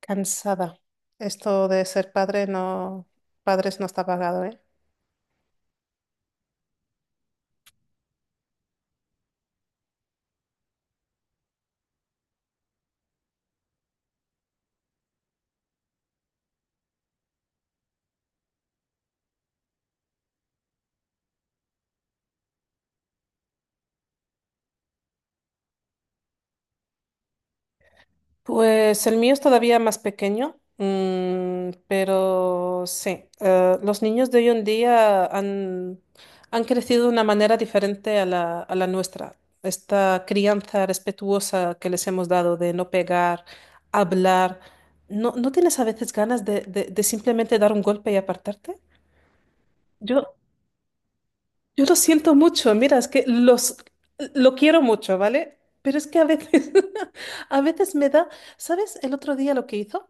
Cansada. Esto de ser padres no está pagado, ¿eh? Pues el mío es todavía más pequeño, pero sí, los niños de hoy en día han crecido de una manera diferente a la nuestra. Esta crianza respetuosa que les hemos dado de no pegar, hablar, ¿no, no tienes a veces ganas de simplemente dar un golpe y apartarte? Yo, Yo lo siento mucho, mira, es que los lo quiero mucho, ¿vale? Pero es que a veces, a veces me da, ¿sabes? El otro día lo que hizo,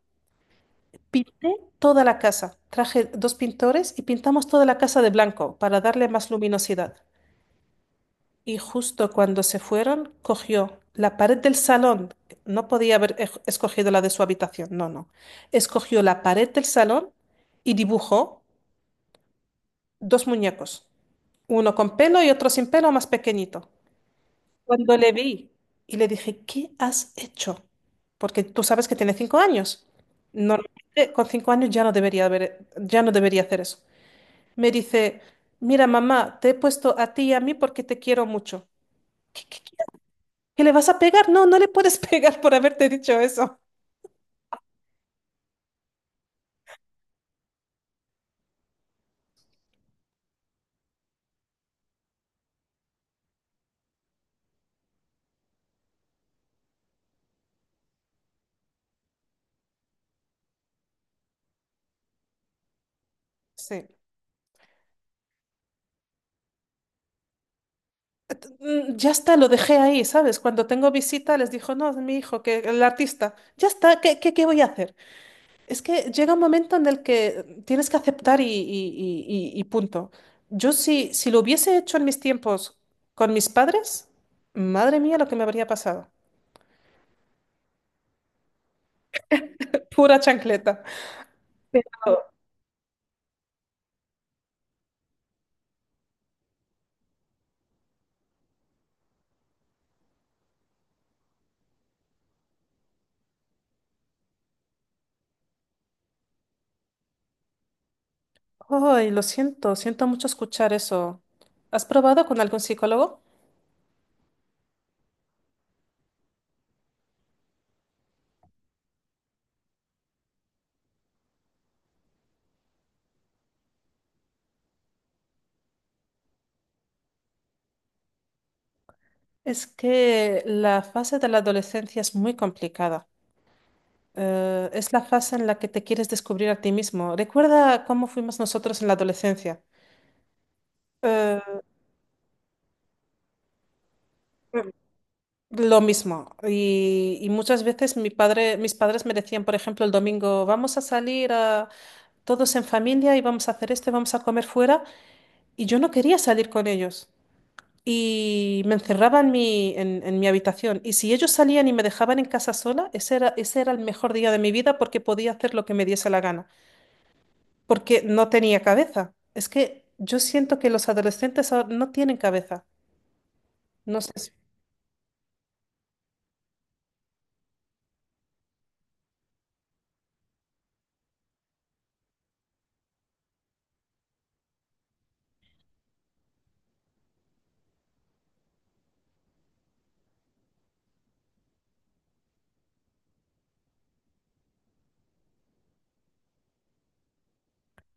pinté toda la casa. Traje dos pintores y pintamos toda la casa de blanco para darle más luminosidad. Y justo cuando se fueron, cogió la pared del salón. No podía haber escogido la de su habitación, no, no. Escogió la pared del salón y dibujó dos muñecos, uno con pelo y otro sin pelo, más pequeñito. Cuando le vi y le dije, ¿qué has hecho? Porque tú sabes que tiene 5 años. Normalmente con 5 años ya no debería hacer eso. Me dice, mira, mamá, te he puesto a ti y a mí porque te quiero mucho. ¿Qué, qué- qué- qué le vas a pegar? No, no le puedes pegar por haberte dicho eso. Sí. Ya está, lo dejé ahí, ¿sabes? Cuando tengo visita les dijo, no, es mi hijo, que el artista. Ya está, ¿qué voy a hacer? Es que llega un momento en el que tienes que aceptar y punto. Yo si lo hubiese hecho en mis tiempos con mis padres, madre mía lo que me habría pasado. Pura chancleta. Pero, Ay, lo siento, siento mucho escuchar eso. ¿Has probado con algún psicólogo? Es que la fase de la adolescencia es muy complicada. Es la fase en la que te quieres descubrir a ti mismo. Recuerda cómo fuimos nosotros en la adolescencia. Eh, Lo mismo. Y muchas veces mis padres me decían, por ejemplo, el domingo, vamos a salir todos en familia y vamos a hacer esto, y vamos a comer fuera. Y yo no quería salir con ellos. Y me encerraba en mi habitación. Y si ellos salían y me dejaban en casa sola, ese era el mejor día de mi vida porque podía hacer lo que me diese la gana. Porque no tenía cabeza. Es que yo siento que los adolescentes ahora no tienen cabeza. No sé. Si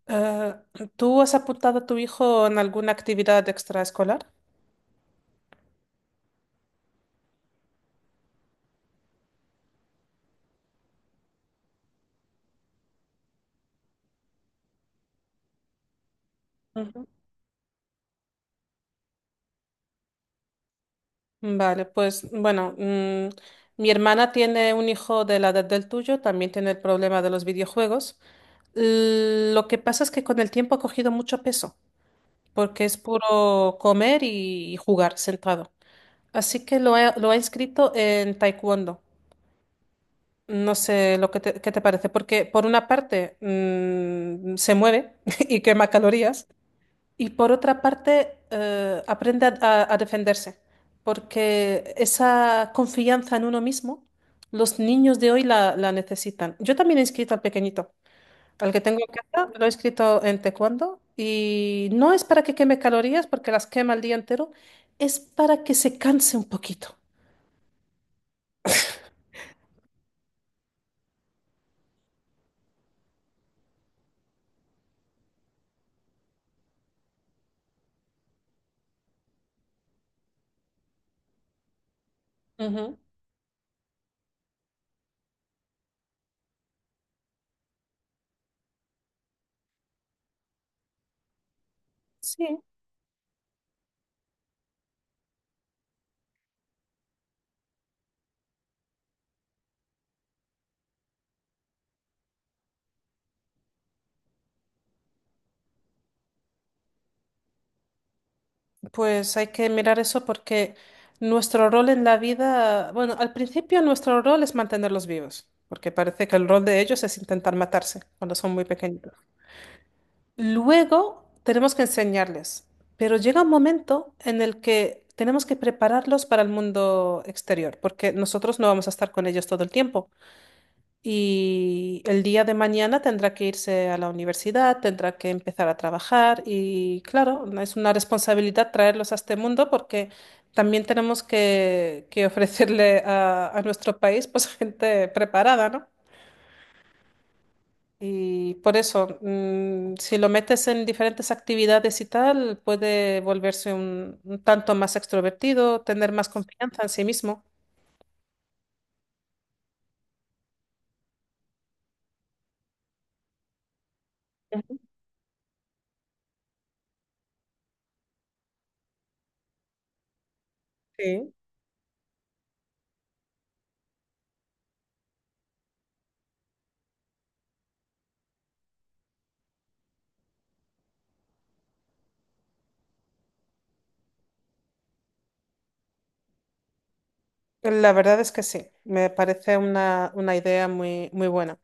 Eh, ¿Tú has apuntado a tu hijo en alguna actividad extraescolar? Ujú. Vale, pues bueno, mi hermana tiene un hijo de la edad del tuyo, también tiene el problema de los videojuegos. Lo que pasa es que con el tiempo ha cogido mucho peso, porque es puro comer y jugar sentado. Así que lo ha inscrito en taekwondo. No sé lo que te, qué te parece, porque por una parte se mueve y quema calorías. Y por otra parte, aprende a defenderse, porque esa confianza en uno mismo, los niños de hoy la necesitan. Yo también he inscrito al pequeñito, al que tengo en casa, lo he inscrito en taekwondo, y no es para que queme calorías, porque las quema el día entero, es para que se canse un poquito. Ujú. Sí. Pues hay que mirar eso porque nuestro rol en la vida, bueno, al principio nuestro rol es mantenerlos vivos, porque parece que el rol de ellos es intentar matarse cuando son muy pequeñitos. Luego tenemos que enseñarles, pero llega un momento en el que tenemos que prepararlos para el mundo exterior, porque nosotros no vamos a estar con ellos todo el tiempo. Y el día de mañana tendrá que irse a la universidad, tendrá que empezar a trabajar y claro, es una responsabilidad traerlos a este mundo porque también tenemos que ofrecerle a nuestro país pues gente preparada, ¿no? Y por eso, si lo metes en diferentes actividades y tal, puede volverse un tanto más extrovertido, tener más confianza en sí mismo. Sí. La verdad es que sí, me parece una idea muy, muy buena.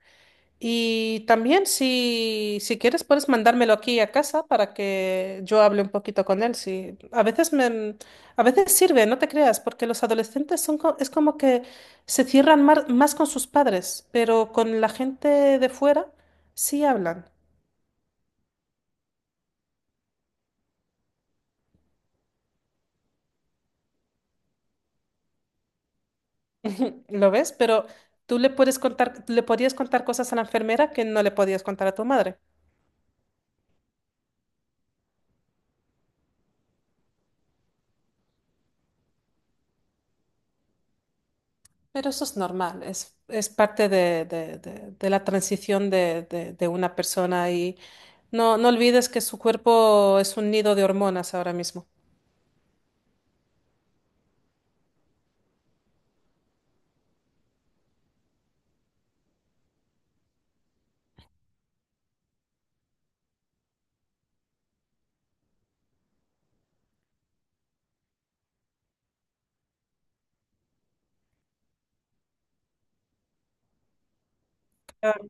Y también si quieres puedes mandármelo aquí a casa para que yo hable un poquito con él. Sí. A veces sirve, no te creas, porque los adolescentes es como que se cierran más con sus padres, pero con la gente de fuera sí hablan. ¿Lo ves? Pero tú le podías contar cosas a la enfermera que no le podías contar a tu madre. Pero eso es normal, es parte de la transición de una persona y no, no olvides que su cuerpo es un nido de hormonas ahora mismo. Claro.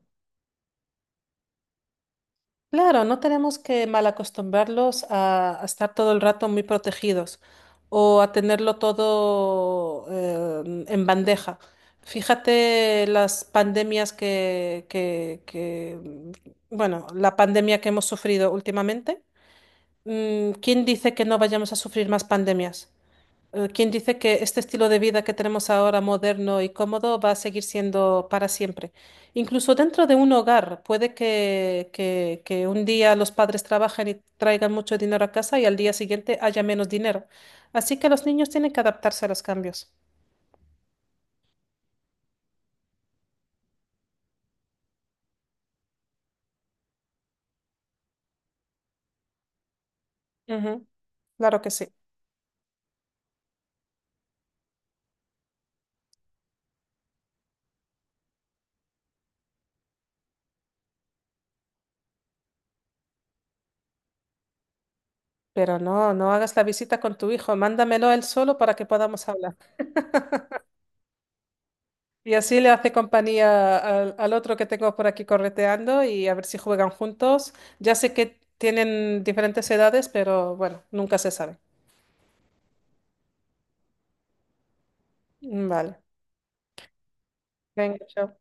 Claro, no tenemos que malacostumbrarlos a estar todo el rato muy protegidos o a tenerlo todo en bandeja. Fíjate las pandemias bueno, la pandemia que hemos sufrido últimamente. ¿Quién dice que no vayamos a sufrir más pandemias? ¿Quién dice que este estilo de vida que tenemos ahora, moderno y cómodo, va a seguir siendo para siempre? Incluso dentro de un hogar, puede que un día los padres trabajen y traigan mucho dinero a casa y al día siguiente haya menos dinero. Así que los niños tienen que adaptarse a los cambios. Ujú. Claro que sí. Pero no, no hagas la visita con tu hijo, mándamelo él solo para que podamos hablar. Y así le hace compañía al otro que tengo por aquí correteando y a ver si juegan juntos. Ya sé que tienen diferentes edades, pero bueno, nunca se sabe. Vale. Venga, chao.